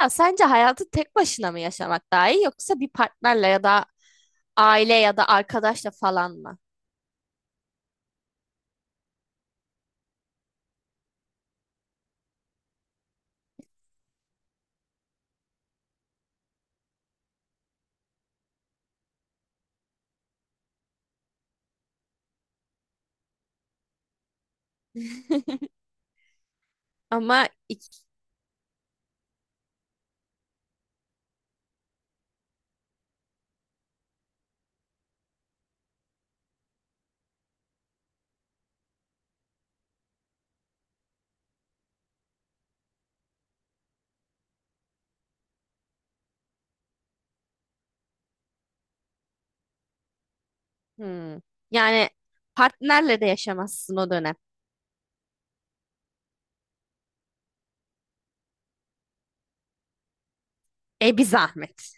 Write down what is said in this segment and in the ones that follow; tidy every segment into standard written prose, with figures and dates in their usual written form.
Ya sence hayatı tek başına mı yaşamak daha iyi yoksa bir partnerle ya da aile ya da arkadaşla falan mı? Ama ik- Hmm. Yani partnerle de yaşamazsın o dönem. E bir zahmet.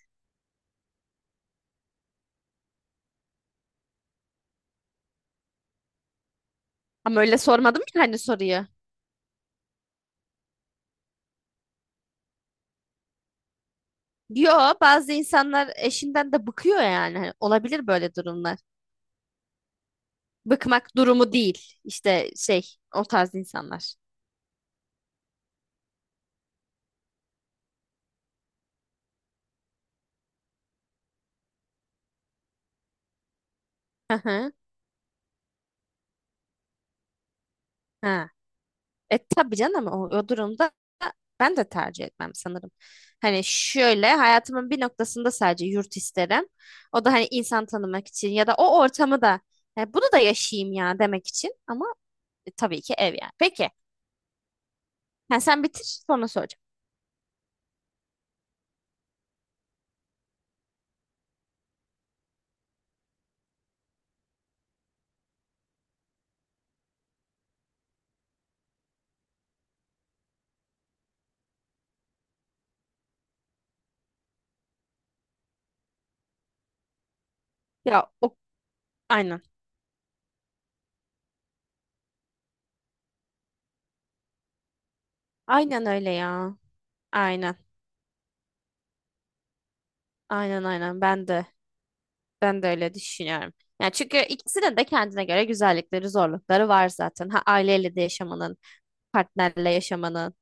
Ama öyle sormadım ya hani soruyu. Yo, bazı insanlar eşinden de bıkıyor yani. Hani olabilir böyle durumlar. Bıkmak durumu değil. İşte şey o tarz insanlar. Hı hı. Ha. E tabii canım o durumda ben de tercih etmem sanırım. Hani şöyle hayatımın bir noktasında sadece yurt isterim. O da hani insan tanımak için ya da o ortamı da "E, bunu da yaşayayım ya demek için ama tabii ki ev yani. Peki ha, sen bitir sonra soracağım. Ya o Aynen. Aynen öyle ya. Aynen. Aynen aynen ben de öyle düşünüyorum. Yani çünkü ikisinin de kendine göre güzellikleri, zorlukları var zaten. Ha aileyle de yaşamanın, partnerle yaşamanın.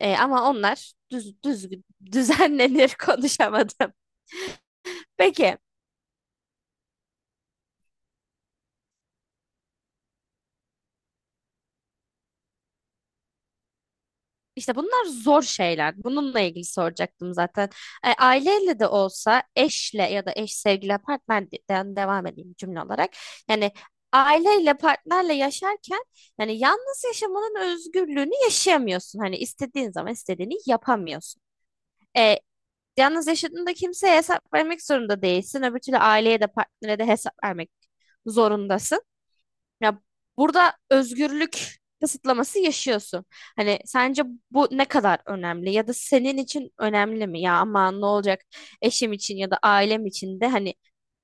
E, ama onlar düzenlenir konuşamadım. Peki işte bunlar zor şeyler. Bununla ilgili soracaktım zaten. E, aileyle de olsa eşle ya da eş sevgili partnerden devam edeyim cümle olarak. Yani aileyle partnerle yaşarken yani yalnız yaşamanın özgürlüğünü yaşayamıyorsun. Hani istediğin zaman istediğini yapamıyorsun. E, yalnız yaşadığında kimseye hesap vermek zorunda değilsin. Öbür türlü aileye de partnere de hesap vermek zorundasın. Ya, burada özgürlük kısıtlaması yaşıyorsun. Hani sence bu ne kadar önemli ya da senin için önemli mi? Ya aman ne olacak, eşim için ya da ailem için de hani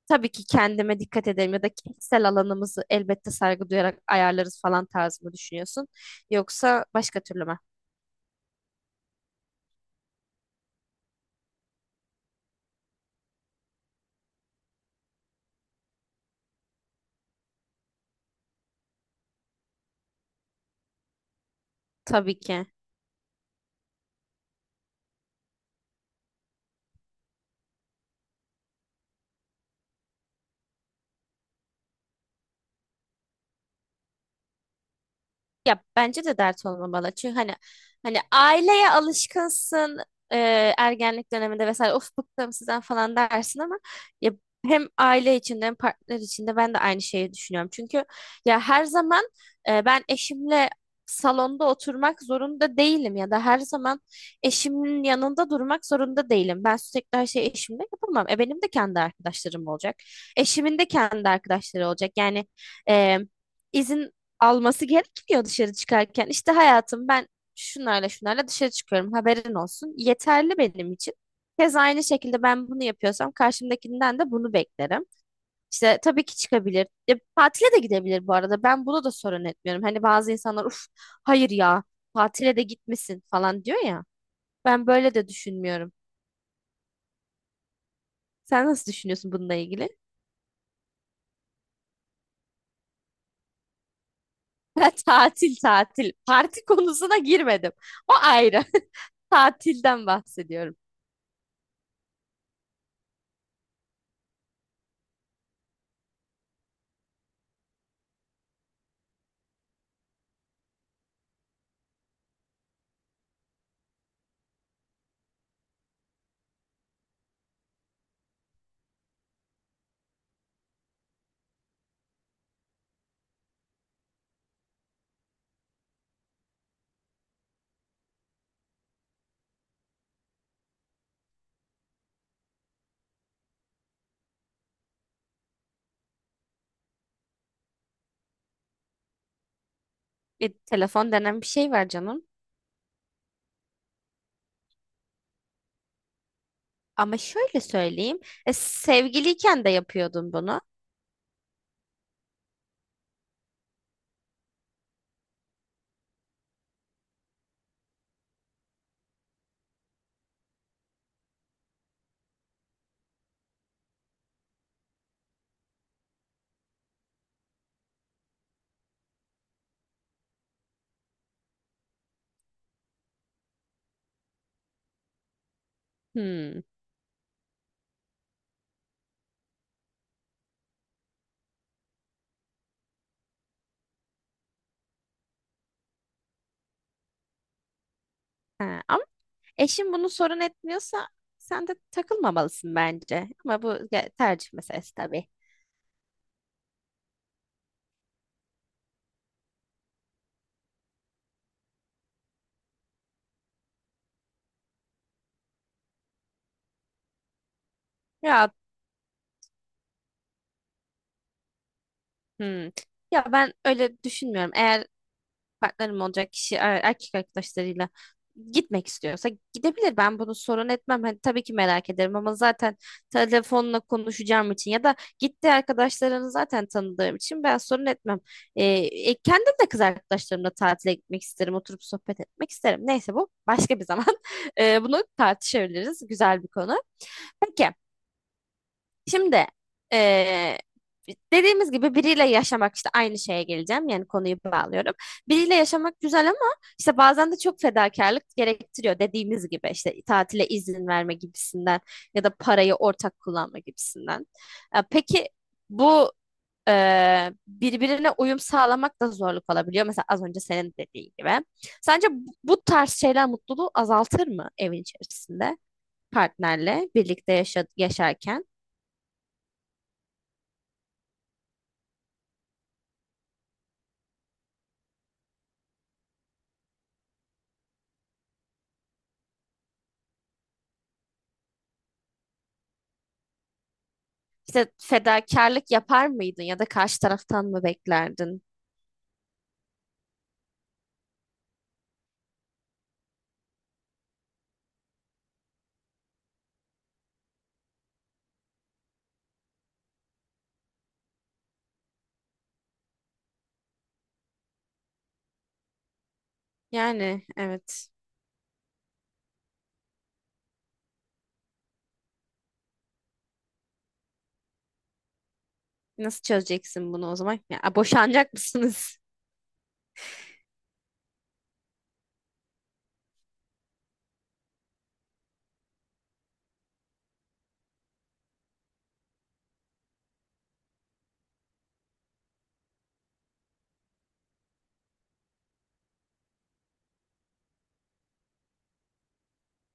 tabii ki kendime dikkat ederim ya da kişisel alanımızı elbette saygı duyarak ayarlarız falan tarzı mı düşünüyorsun? Yoksa başka türlü mü? Tabii ki. Ya bence de dert olmamalı. Çünkü hani aileye alışkınsın, e, ergenlik döneminde vesaire of bıktım sizden falan dersin ama ya hem aile içinde hem partner içinde ben de aynı şeyi düşünüyorum. Çünkü ya her zaman ben eşimle salonda oturmak zorunda değilim ya da her zaman eşimin yanında durmak zorunda değilim. Ben sürekli her şeyi eşimle yapamam. E, benim de kendi arkadaşlarım olacak. Eşimin de kendi arkadaşları olacak. Yani e, izin alması gerekmiyor dışarı çıkarken. İşte hayatım, ben şunlarla şunlarla dışarı çıkıyorum, haberin olsun. Yeterli benim için. Keza aynı şekilde ben bunu yapıyorsam karşımdakinden de bunu beklerim. İşte tabii ki çıkabilir. E, tatile de gidebilir bu arada. Ben buna da sorun etmiyorum. Hani bazı insanlar uf, hayır ya, tatile de gitmesin falan diyor ya. Ben böyle de düşünmüyorum. Sen nasıl düşünüyorsun bununla ilgili? Ben tatil tatil. Parti konusuna girmedim. O ayrı. Tatilden bahsediyorum. E, telefon denen bir şey var canım. Ama şöyle söyleyeyim. E, sevgiliyken de yapıyordun bunu. Hmm. Ha, ama eşin bunu sorun etmiyorsa sen de takılmamalısın bence. Ama bu tercih meselesi tabii. Ya, hmm. Ya ben öyle düşünmüyorum. Eğer partnerim olacak kişi erkek arkadaşlarıyla gitmek istiyorsa gidebilir. Ben bunu sorun etmem. Hani tabii ki merak ederim ama zaten telefonla konuşacağım için ya da gitti arkadaşlarını zaten tanıdığım için ben sorun etmem. E, Kendim de kız arkadaşlarımla tatile gitmek isterim. Oturup sohbet etmek isterim. Neyse bu başka bir zaman. E, bunu tartışabiliriz. Güzel bir konu. Peki. Şimdi eee, dediğimiz gibi biriyle yaşamak işte aynı şeye geleceğim. Yani konuyu bağlıyorum. Biriyle yaşamak güzel ama işte bazen de çok fedakarlık gerektiriyor. Dediğimiz gibi işte tatile izin verme gibisinden ya da parayı ortak kullanma gibisinden. E, peki bu birbirine uyum sağlamak da zorluk olabiliyor. Mesela az önce senin dediğin gibi. Sence bu tarz şeyler mutluluğu azaltır mı evin içerisinde partnerle birlikte yaşarken? İşte fedakarlık yapar mıydın ya da karşı taraftan mı beklerdin? Yani evet. Nasıl çözeceksin bunu o zaman? Ya, boşanacak mısınız?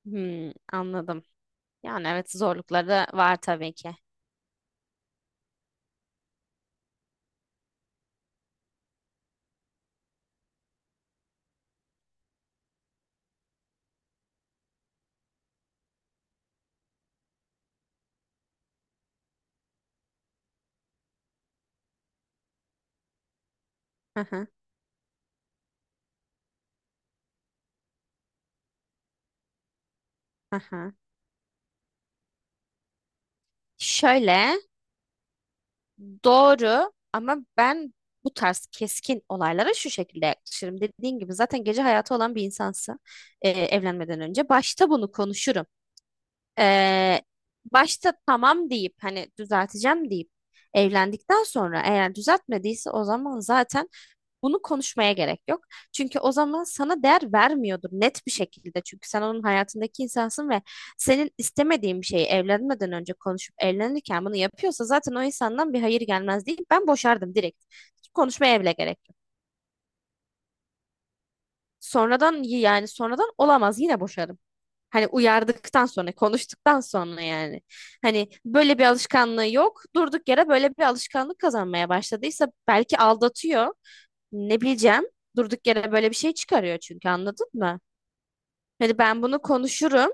Hmm, anladım. Yani evet, zorlukları da var tabii ki. Hı hı, hı hı. Şöyle doğru ama ben bu tarz keskin olaylara şu şekilde yaklaşırım. Dediğin gibi zaten gece hayatı olan bir insansa evlenmeden önce başta bunu konuşurum. Ee, Başta tamam deyip hani düzelteceğim deyip evlendikten sonra eğer düzeltmediyse o zaman zaten bunu konuşmaya gerek yok. Çünkü o zaman sana değer vermiyordur net bir şekilde. Çünkü sen onun hayatındaki insansın ve senin istemediğin bir şeyi evlenmeden önce konuşup evlenirken bunu yapıyorsa zaten o insandan bir hayır gelmez değil. Ben boşardım direkt. Hiç konuşmaya bile gerek yok. Sonradan yani sonradan olamaz, yine boşarım. Hani uyardıktan sonra, konuştuktan sonra yani. Hani böyle bir alışkanlığı yok. Durduk yere böyle bir alışkanlık kazanmaya başladıysa belki aldatıyor. Ne bileceğim. Durduk yere böyle bir şey çıkarıyor çünkü, anladın mı? Hani ben bunu konuşurum.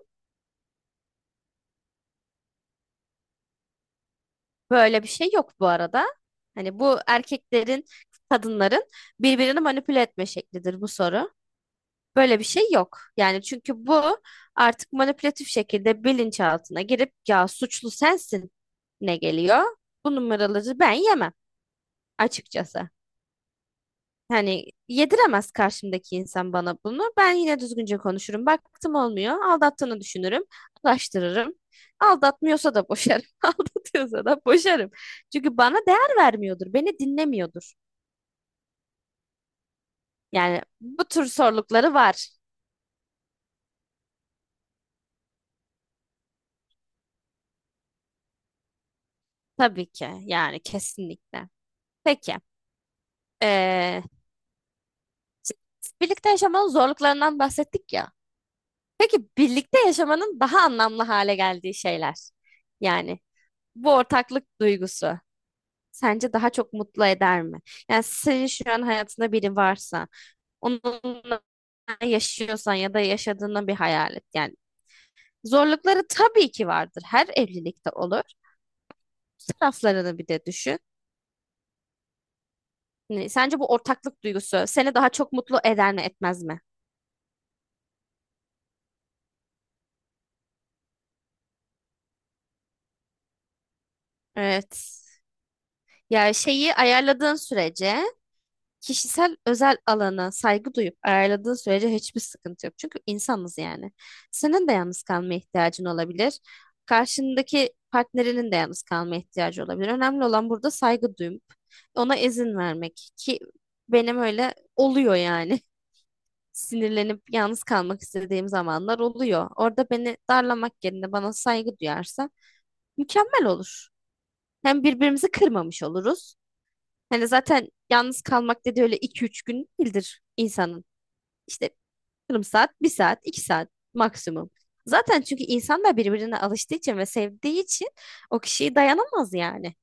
Böyle bir şey yok bu arada. Hani bu erkeklerin, kadınların birbirini manipüle etme şeklidir bu soru. Böyle bir şey yok. Yani çünkü bu artık manipülatif şekilde bilinçaltına girip ya suçlu sensin ne geliyor? Bu numaraları ben yemem açıkçası. Hani yediremez karşımdaki insan bana bunu. Ben yine düzgünce konuşurum. Baktım olmuyor. Aldattığını düşünürüm. Ulaştırırım. Aldatmıyorsa da boşarım. Aldatıyorsa da boşarım. Çünkü bana değer vermiyordur. Beni dinlemiyordur. Yani bu tür sorulukları var. Tabii ki. Yani kesinlikle. Peki. Ee, Birlikte yaşamanın zorluklarından bahsettik ya. Peki birlikte yaşamanın daha anlamlı hale geldiği şeyler. Yani bu ortaklık duygusu sence daha çok mutlu eder mi? Yani senin şu an hayatında biri varsa, onunla yaşıyorsan ya da yaşadığını bir hayal et. Yani zorlukları tabii ki vardır. Her evlilikte olur. Taraflarını bir de düşün. Yani sence bu ortaklık duygusu seni daha çok mutlu eder mi, etmez mi? Evet. Ya şeyi ayarladığın sürece kişisel özel alana saygı duyup ayarladığın sürece hiçbir sıkıntı yok. Çünkü insanız yani. Senin de yalnız kalmaya ihtiyacın olabilir. Karşındaki partnerinin de yalnız kalmaya ihtiyacı olabilir. Önemli olan burada saygı duyup ona izin vermek ki benim öyle oluyor yani. Sinirlenip yalnız kalmak istediğim zamanlar oluyor. Orada beni darlamak yerine bana saygı duyarsa mükemmel olur. Hem birbirimizi kırmamış oluruz. Hani zaten yalnız kalmak dedi öyle iki üç gün değildir insanın. İşte yarım saat, bir saat, iki saat maksimum. Zaten çünkü insanlar birbirine alıştığı için ve sevdiği için o kişiyi dayanamaz yani.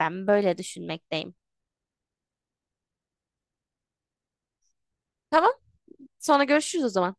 Ben böyle düşünmekteyim. Tamam, sonra görüşürüz o zaman.